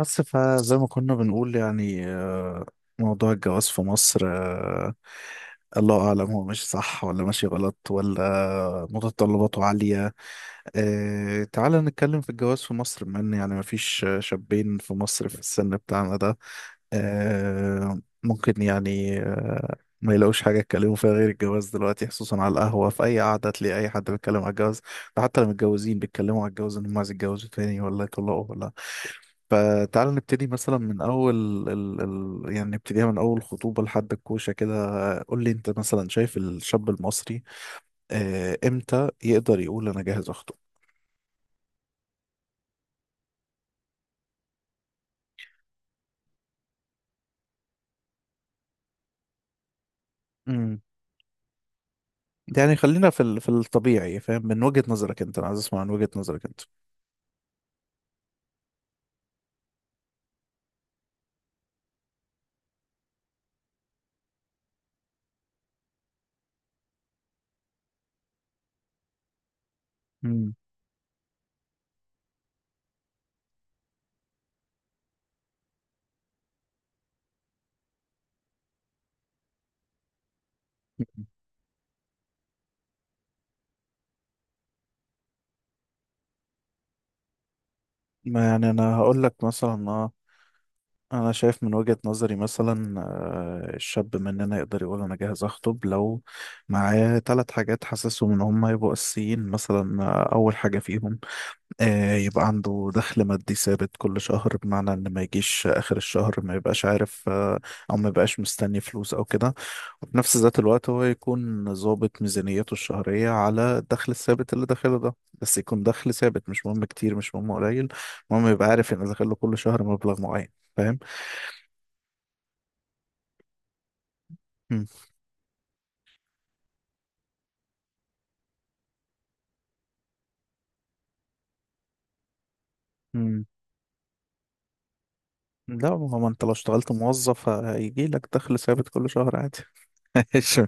بس فزي ما كنا بنقول يعني موضوع الجواز في مصر، الله أعلم هو ماشي صح ولا ماشي غلط ولا متطلباته عالية. تعال نتكلم في الجواز في مصر، بما إن يعني مفيش شابين في مصر في السن بتاعنا ده ممكن يعني ما يلاقوش حاجة يتكلموا فيها غير الجواز دلوقتي، خصوصا على القهوة في أي قعدة تلاقي أي حد بيتكلم على الجواز. ده حتى لو متجوزين بيتكلموا على الجواز إنهم عايز يتجوزوا تاني ولا يطلقوا ولا. فتعال نبتدي مثلا من اول ال... يعني نبتديها من اول خطوبة لحد الكوشة كده. قول لي انت مثلا شايف الشاب المصري امتى يقدر يقول انا جاهز اخطب. امم يعني خلينا في في الطبيعي، فاهم؟ من وجهة نظرك انت، انا عايز اسمع من وجهة نظرك انت. مم. ما يعني انا هقول لك مثلا، انا شايف من وجهة نظري مثلا الشاب مننا يقدر يقول انا جاهز اخطب لو معاه ثلاث حاجات حاسسهم ان هم هيبقوا اساسيين. مثلا اول حاجة فيهم يبقى عنده دخل مادي ثابت كل شهر، بمعنى ان ما يجيش اخر الشهر ما يبقاش عارف، او ما يبقاش مستني فلوس او كده. وفي نفس ذات الوقت هو يكون ظابط ميزانيته الشهرية على الدخل الثابت اللي داخله ده، بس يكون دخل ثابت، مش مهم كتير مش مهم قليل، المهم يبقى عارف ان داخله كل شهر مبلغ معين. فاهم؟ مم. مم. لا، ما هو انت لو اشتغلت موظف هيجي لك دخل ثابت كل شهر عادي. ماشي.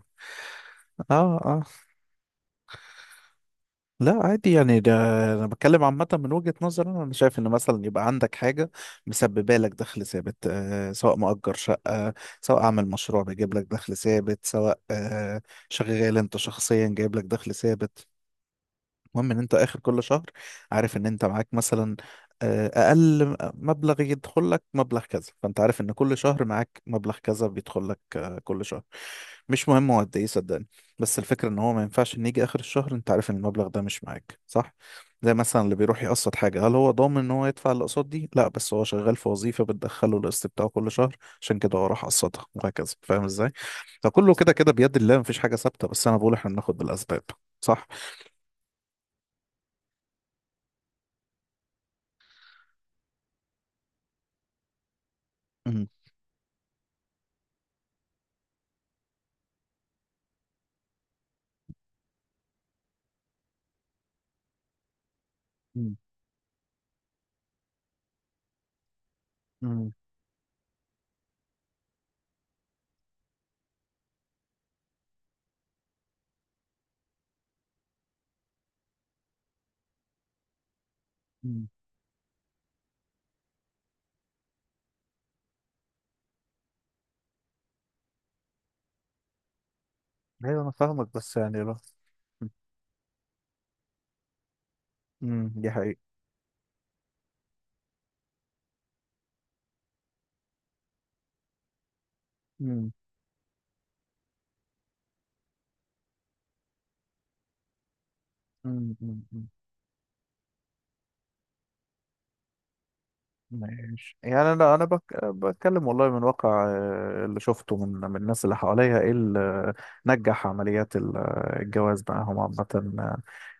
اه آه. لا عادي يعني ده، انا بتكلم عامة من وجهة نظري أنا شايف ان مثلا يبقى عندك حاجة مسببة لك دخل ثابت، سواء مؤجر شقة، سواء عامل مشروع بيجيب لك دخل ثابت، سواء شغال انت شخصيا جايب لك دخل ثابت. المهم ان انت اخر كل شهر عارف ان انت معاك مثلا اقل مبلغ يدخل لك مبلغ كذا، فانت عارف ان كل شهر معاك مبلغ كذا بيدخل لك كل شهر. مش مهم هو قد ايه، صدقني، بس الفكره ان هو ما ينفعش ان يجي اخر الشهر انت عارف ان المبلغ ده مش معاك، صح؟ زي مثلا اللي بيروح يقسط حاجه، هل هو ضامن ان هو يدفع الاقساط دي؟ لا، بس هو شغال في وظيفه بتدخله القسط بتاعه كل شهر، عشان كده هو راح قسطها، وهكذا. فاهم ازاي؟ فكله كده كده بيد الله، مفيش حاجه ثابته، بس انا بقول احنا بناخد بالاسباب. صح. مم. امم امم ايوه، انا فاهمك بس يعني لو. دي حقيقة. امم أمم، أمم. ماشي، يعني انا بتكلم والله من واقع اللي شفته من الناس اللي حواليا، ايه اللي نجح عمليات الجواز معاهم عامة. آه،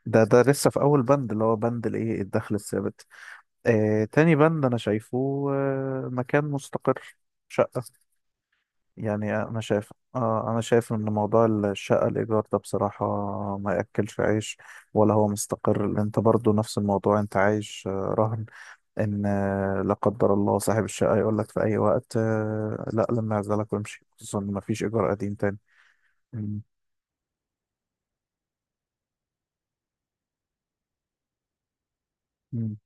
ده لسه في اول بند، اللي هو بند الايه، الدخل الثابت. تاني بند انا شايفه، مكان مستقر، شقة. يعني انا شايف ان موضوع الشقه الايجار ده بصراحه ما ياكلش عيش، ولا هو مستقر، لأن انت برضو نفس الموضوع انت عايش رهن ان لا قدر الله صاحب الشقه يقول لك في اي وقت لا، لما اعزلك وامشي، خصوصا ان ما فيش ايجار قديم تاني. مم. مم.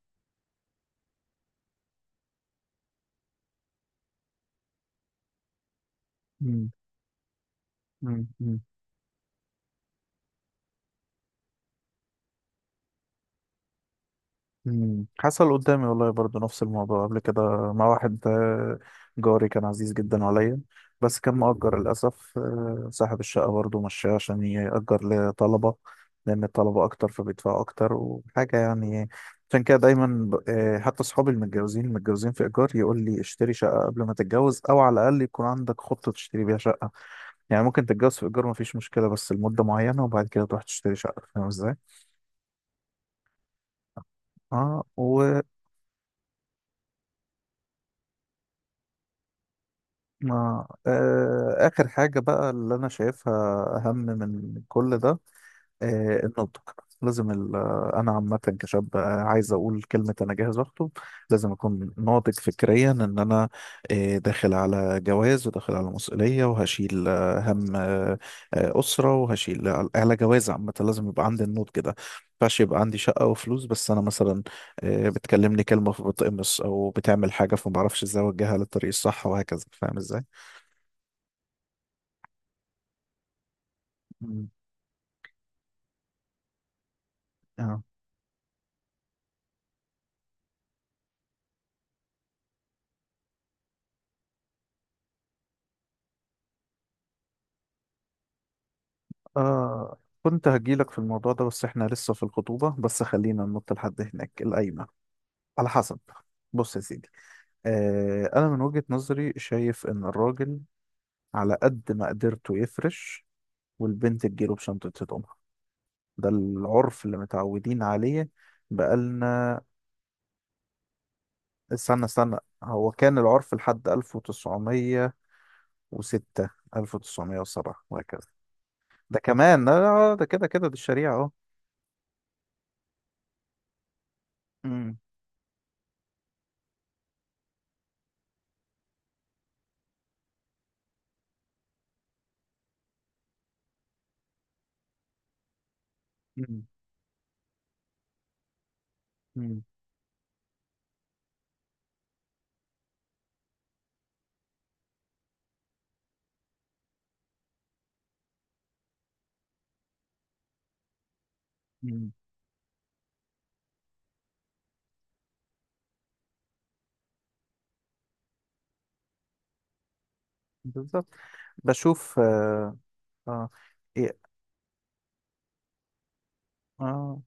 مم. مم. حصل قدامي والله برضو نفس الموضوع قبل كده، مع واحد جاري، كان عزيز جدا عليا، بس كان مؤجر للأسف، صاحب الشقة برضو مشاه عشان يأجر لطلبة، لأن الطلبة أكتر فبيدفعوا أكتر وحاجة يعني. عشان كده دايما حتى صحابي المتجوزين في إيجار يقول لي اشتري شقة قبل ما تتجوز، أو على الأقل يكون عندك خطة تشتري بيها شقة. يعني ممكن تتجوز في إيجار مفيش مشكلة، بس لمدة معينة وبعد كده تروح تشتري شقة. فاهم إزاي؟ اه، ما آخر حاجة بقى اللي أنا شايفها أهم من كل ده، النضج. لازم أنا عامة كشاب عايز أقول كلمة أنا جاهز أخطب، لازم أكون ناضج فكريا إن أنا داخل على جواز، وداخل على مسؤولية، وهشيل هم أسرة، وهشيل على جواز. عامة لازم يبقى عندي النضج ده، ينفعش يبقى عندي شقة وفلوس بس أنا مثلا بتكلمني كلمة فبتقمص، أو بتعمل حاجة فمعرفش إزاي أوجهها للطريق الصح، وهكذا. فاهم إزاي؟ مم. اه كنت هجيلك في الموضوع ده، بس احنا لسه في الخطوبة. بس خلينا ننط لحد هناك، القايمة على حسب. بص يا سيدي، انا من وجهة نظري شايف ان الراجل على قد ما قدرته يفرش، والبنت تجيله بشنطة هدومها، ده العرف اللي متعودين عليه بقالنا. استنى استنى، هو كان العرف لحد 1906، 1907 وهكذا. ده كمان لا، لا، ده كده كده دي الشريعة اهو. مم. مم. مم. بالظبط. بشوف آه آه, إيه آه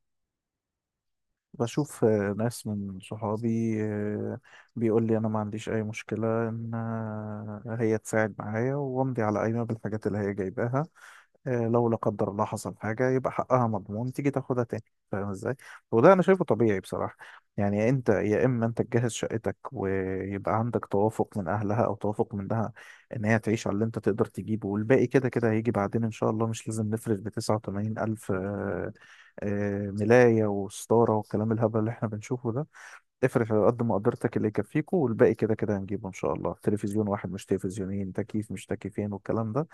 بشوف ناس من صحابي آه بيقول لي أنا ما عنديش أي مشكلة إن هي تساعد معايا وأمضي على قايمة بالحاجات اللي هي جايباها. لو لا قدر الله حصل حاجة يبقى حقها مضمون تيجي تاخدها تاني، فاهم ازاي؟ وده أنا شايفه طبيعي بصراحة. يعني أنت يا إما أنت تجهز شقتك ويبقى عندك توافق من أهلها أو توافق منها إن هي تعيش على اللي أنت تقدر تجيبه، والباقي كده كده هيجي بعدين إن شاء الله. مش لازم نفرش بـ89,000 ملاية وستارة والكلام الهبل اللي إحنا بنشوفه ده. افرش على قد مقدرتك اللي يكفيكوا، والباقي كده كده هنجيبه إن شاء الله. تلفزيون واحد مش تلفزيونين، تكييف مش تكييفين، والكلام ده.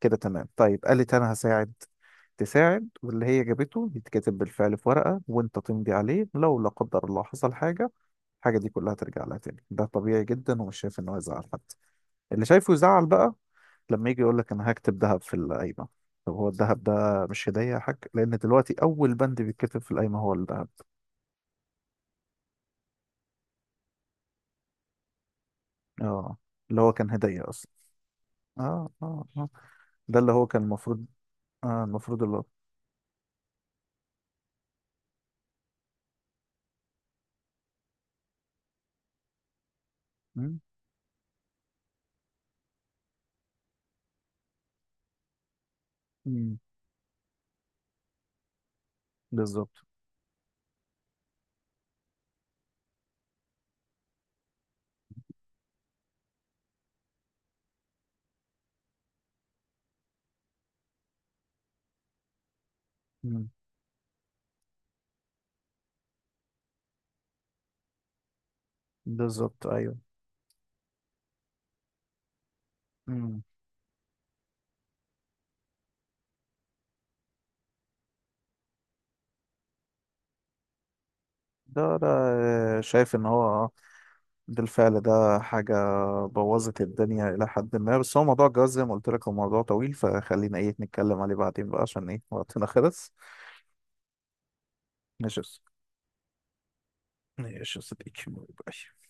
كده تمام؟ طيب قالت انا هساعد، تساعد، واللي هي جابته يتكتب بالفعل في ورقة وانت تمضي عليه. لو لا قدر الله حصل حاجة، الحاجة دي كلها ترجع لها تاني. ده طبيعي جدا، ومش شايف ان هو يزعل حد. اللي شايفه يزعل بقى لما يجي يقول لك انا هكتب ذهب في القايمة. طب هو الذهب ده مش هدية يا حاج؟ لان دلوقتي اول بند بيتكتب في القايمة هو الذهب. اه، اللي هو كان هدية اصلا. اه، اه، اه، ده اللي هو كان المفروض. اه، المفروض اللي هو. مم، مم، بالظبط. مم، بالظبط. ايوه. مم. ده ده آه، شايف ان هو بالفعل ده حاجة بوظت الدنيا إلى حد ما. بس هو موضوع الجواز زي ما قلت لك هو موضوع طويل، فخلينا إيه نتكلم عليه بعدين بقى عشان إيه وقتنا خلص. ماشي يا أستاذ. ماشي يا صديقي، باي.